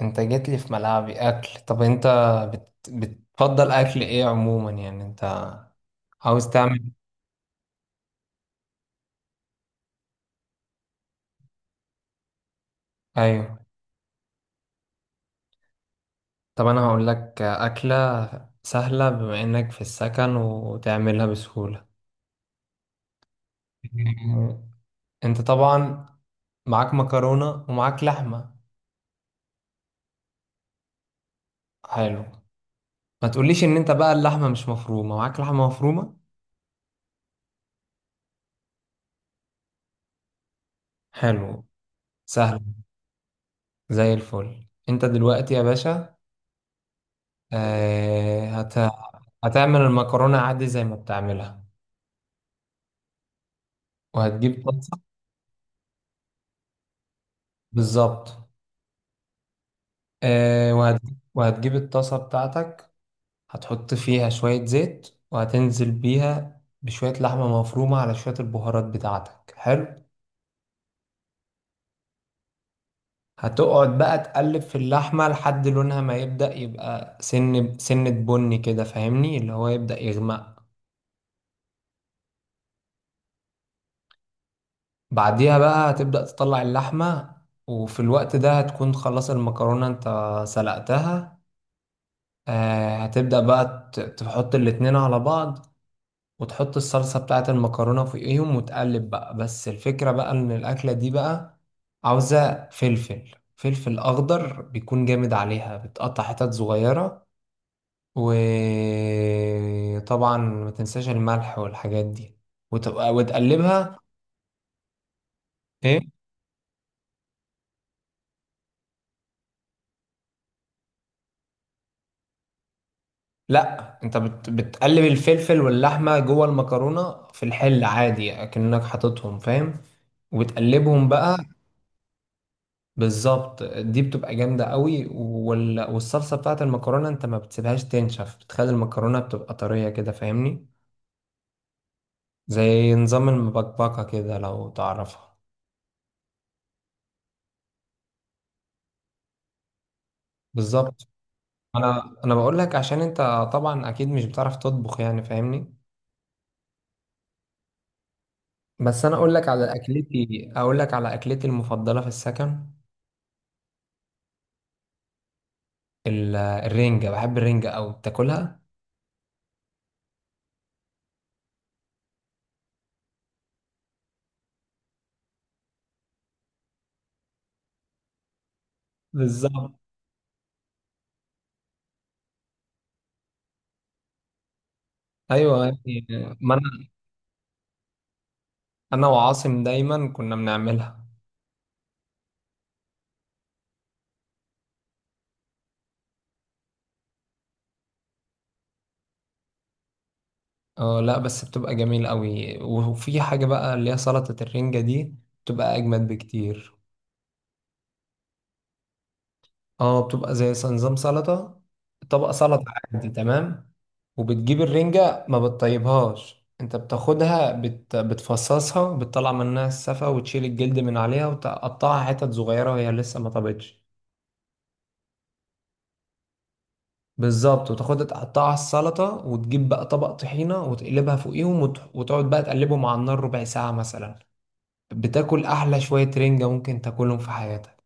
انت جيت لي في ملعبي، اكل. طب انت بتفضل اكل ايه عموما، يعني انت عاوز تعمل؟ ايوه. طب انا هقول لك اكله سهله بما انك في السكن وتعملها بسهوله. مم. انت طبعا معاك مكرونه ومعاك لحمه. حلو. ما تقوليش ان انت بقى اللحمه مش مفرومه؟ معاك لحمه مفرومه. حلو. سهل. زي الفل انت دلوقتي يا باشا. آه هت... هتعمل المكرونه عادي زي ما بتعملها، وهتجيب طاسة. بالظبط. وهتجيب الطاسة بتاعتك. هتحط فيها شوية زيت وهتنزل بيها بشوية لحمة مفرومة على شوية البهارات بتاعتك. حلو. هتقعد بقى تقلب في اللحمة لحد لونها ما يبدأ يبقى سنة بني كده، فاهمني، اللي هو يبدأ يغمق. بعديها بقى هتبدأ تطلع اللحمة. وفي الوقت ده هتكون خلاص المكرونة انت سلقتها. هتبدأ بقى تحط الاتنين على بعض، وتحط الصلصة بتاعة المكرونة فوقيهم وتقلب بقى. بس الفكرة بقى إن الأكلة دي بقى عاوزة فلفل. فلفل أخضر بيكون جامد عليها، بتقطع حتت صغيرة. وطبعا ما تنساش الملح والحاجات دي، وتبقى وتقلبها. إيه؟ لا، أنت بتقلب الفلفل واللحمة جوه المكرونة في الحل عادي أكنك حاططهم، فاهم؟ وتقلبهم بقى. بالظبط. دي بتبقى جامدة قوي، والصلصة بتاعت المكرونة انت ما بتسيبهاش تنشف، بتخلي المكرونة بتبقى طرية كده، فاهمني. زي نظام المبكبكة كده لو تعرفها. بالظبط. انا بقول لك عشان انت طبعا اكيد مش بتعرف تطبخ، يعني فاهمني. بس انا اقول لك على اكلتي المفضلة في السكن. الرنجة. بحب الرنجة قوي، بتاكلها. بالظبط. ايوه يعني. ما انا، انا وعاصم دايما كنا بنعملها. اه. لا، بس بتبقى جميلة قوي، وفي حاجة بقى اللي هي سلطة الرنجة دي. بتبقى أجمد بكتير. اه، بتبقى زي نظام سلطة. طبق سلطة عادي تمام. وبتجيب الرنجة ما بتطيبهاش. انت بتاخدها، بتفصصها، بتطلع منها السفة وتشيل الجلد من عليها وتقطعها حتت صغيرة وهي لسه ما طابتش. بالظبط. وتاخدها تقطعها على السلطة وتجيب بقى طبق طحينة وتقلبها فوقيهم، وتقعد بقى تقلبهم على النار ربع ساعة مثلا. بتاكل احلى شوية رنجة ممكن تاكلهم في حياتك.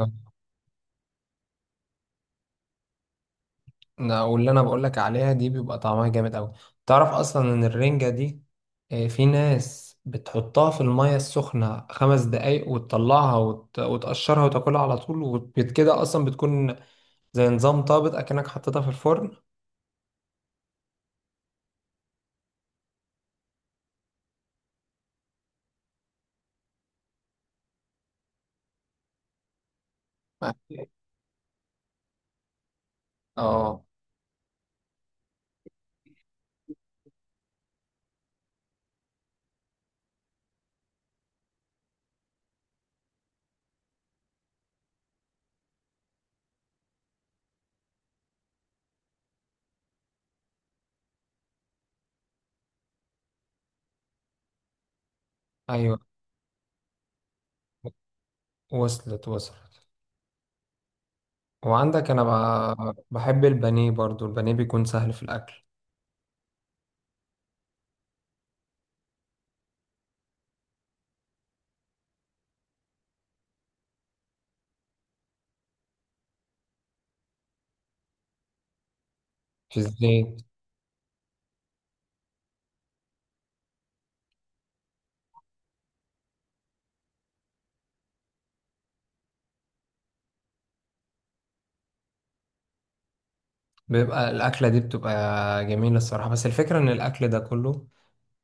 آه. واللي انا بقولك عليها دي بيبقى طعمها جامد اوي. تعرف اصلا ان الرنجة دي، في ناس بتحطها في المية السخنة 5 دقايق وتطلعها، وتقشرها وتاكلها على طول، وكده اصلا بتكون زي نظام طابت، اكنك حطيتها في الفرن. اه. ايوه، وصلت وصلت. وعندك انا بحب البانيه برضو. البانيه بيكون سهل في الاكل. في الزيت. بيبقى الأكلة دي بتبقى جميلة الصراحة. بس الفكرة إن الأكل ده كله،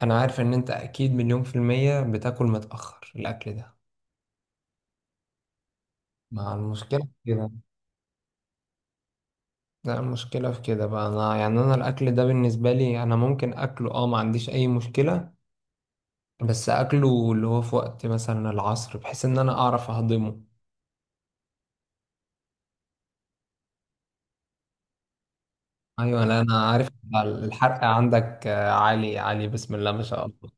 أنا عارف إن أنت أكيد 1000000% بتاكل متأخر الأكل ده. مع المشكلة في كده. ده المشكلة في كده بقى، أنا يعني، أنا الأكل ده بالنسبة لي أنا ممكن أكله ما عنديش أي مشكلة. بس أكله اللي هو في وقت مثلا العصر بحيث إن أنا أعرف أهضمه. أيوة. لا، أنا عارف. الحرق عندك عالي عالي، بسم الله ما شاء الله.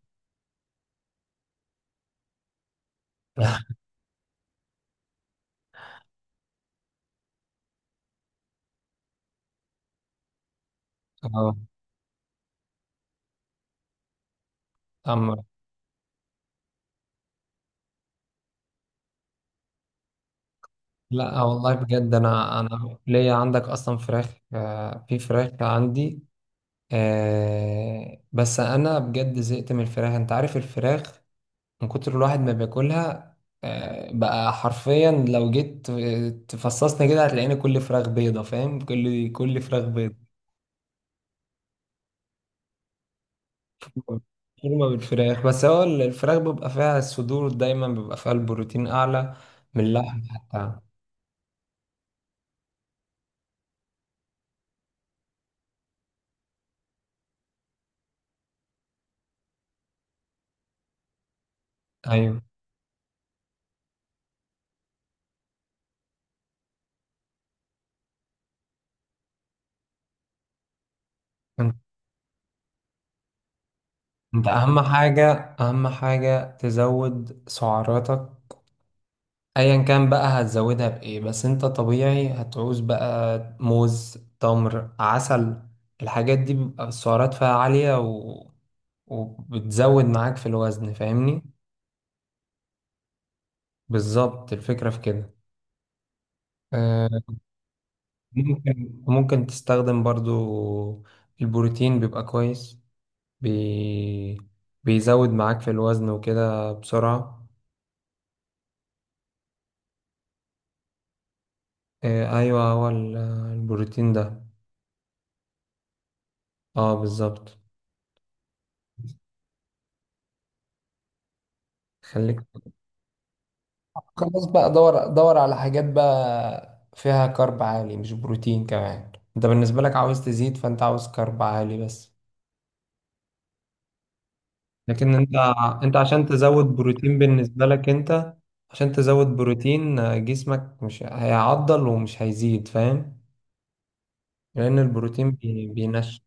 أه. أما لا، والله بجد. انا ليا عندك اصلا فراخ، في فراخ عندي. بس انا بجد زهقت من الفراخ. انت عارف الفراخ، من كتر الواحد ما بياكلها. بقى حرفيا لو جيت تفصصني كده هتلاقيني كل فراخ بيضة، فاهم؟ كل فراخ بيضة. شوربة بالفراخ. بس هو الفراخ بيبقى فيها الصدور دايما بيبقى فيها البروتين اعلى من اللحم حتى. ايوه. انت اهم حاجة تزود سعراتك. ايا كان بقى هتزودها بايه، بس انت طبيعي هتعوز بقى موز، تمر، عسل. الحاجات دي بيبقى السعرات فيها عالية، وبتزود معاك في الوزن، فاهمني. بالظبط. الفكرة في كده. آه، ممكن تستخدم برضو. البروتين بيبقى كويس. بي... بيزود معاك في الوزن وكده بسرعة. ايوه، هو البروتين ده. اه، بالظبط. خليك. خلاص بقى. دور دور على حاجات بقى فيها كارب عالي، مش بروتين كمان. انت بالنسبة لك عاوز تزيد، فانت عاوز كارب عالي بس. لكن انت عشان تزود بروتين بالنسبة لك، انت عشان تزود بروتين جسمك مش هيعضل ومش هيزيد، فاهم؟ لان البروتين بينشف.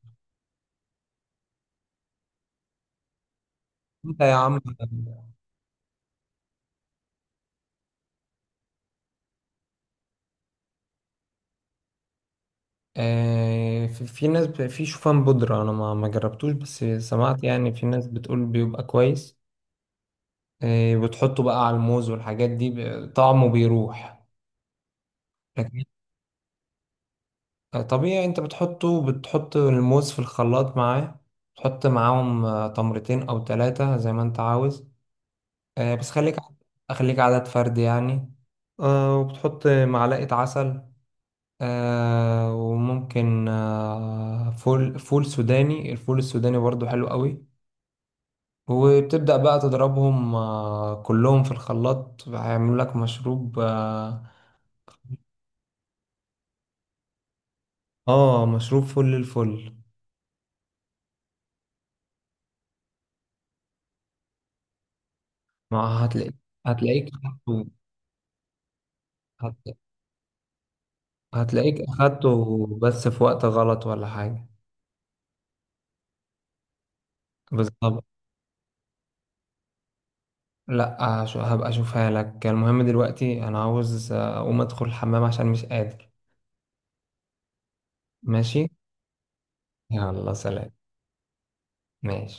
انت يا عم. في ناس في شوفان بودرة. انا ما جربتوش، بس سمعت يعني في ناس بتقول بيبقى كويس. بتحطه بقى على الموز والحاجات دي، طعمه بيروح. لكن طبيعي انت بتحط الموز في الخلاط معاه. تحط معاهم تمرتين او ثلاثة زي ما انت عاوز، بس خليك خليك عدد فرد يعني. وبتحط معلقة عسل. وممكن فول سوداني. الفول السوداني برضو حلو قوي. وبتبدأ بقى تضربهم كلهم في الخلاط، هيعملوا لك مشروب. اه. مشروب فل الفل. ما هتلاقيك هت- هتلاقيك اخدته بس في وقت غلط ولا حاجة. بالظبط. لا، هبقى اشوفها لك. المهم دلوقتي انا عاوز اقوم ادخل الحمام عشان مش قادر. ماشي. يلا، سلام. ماشي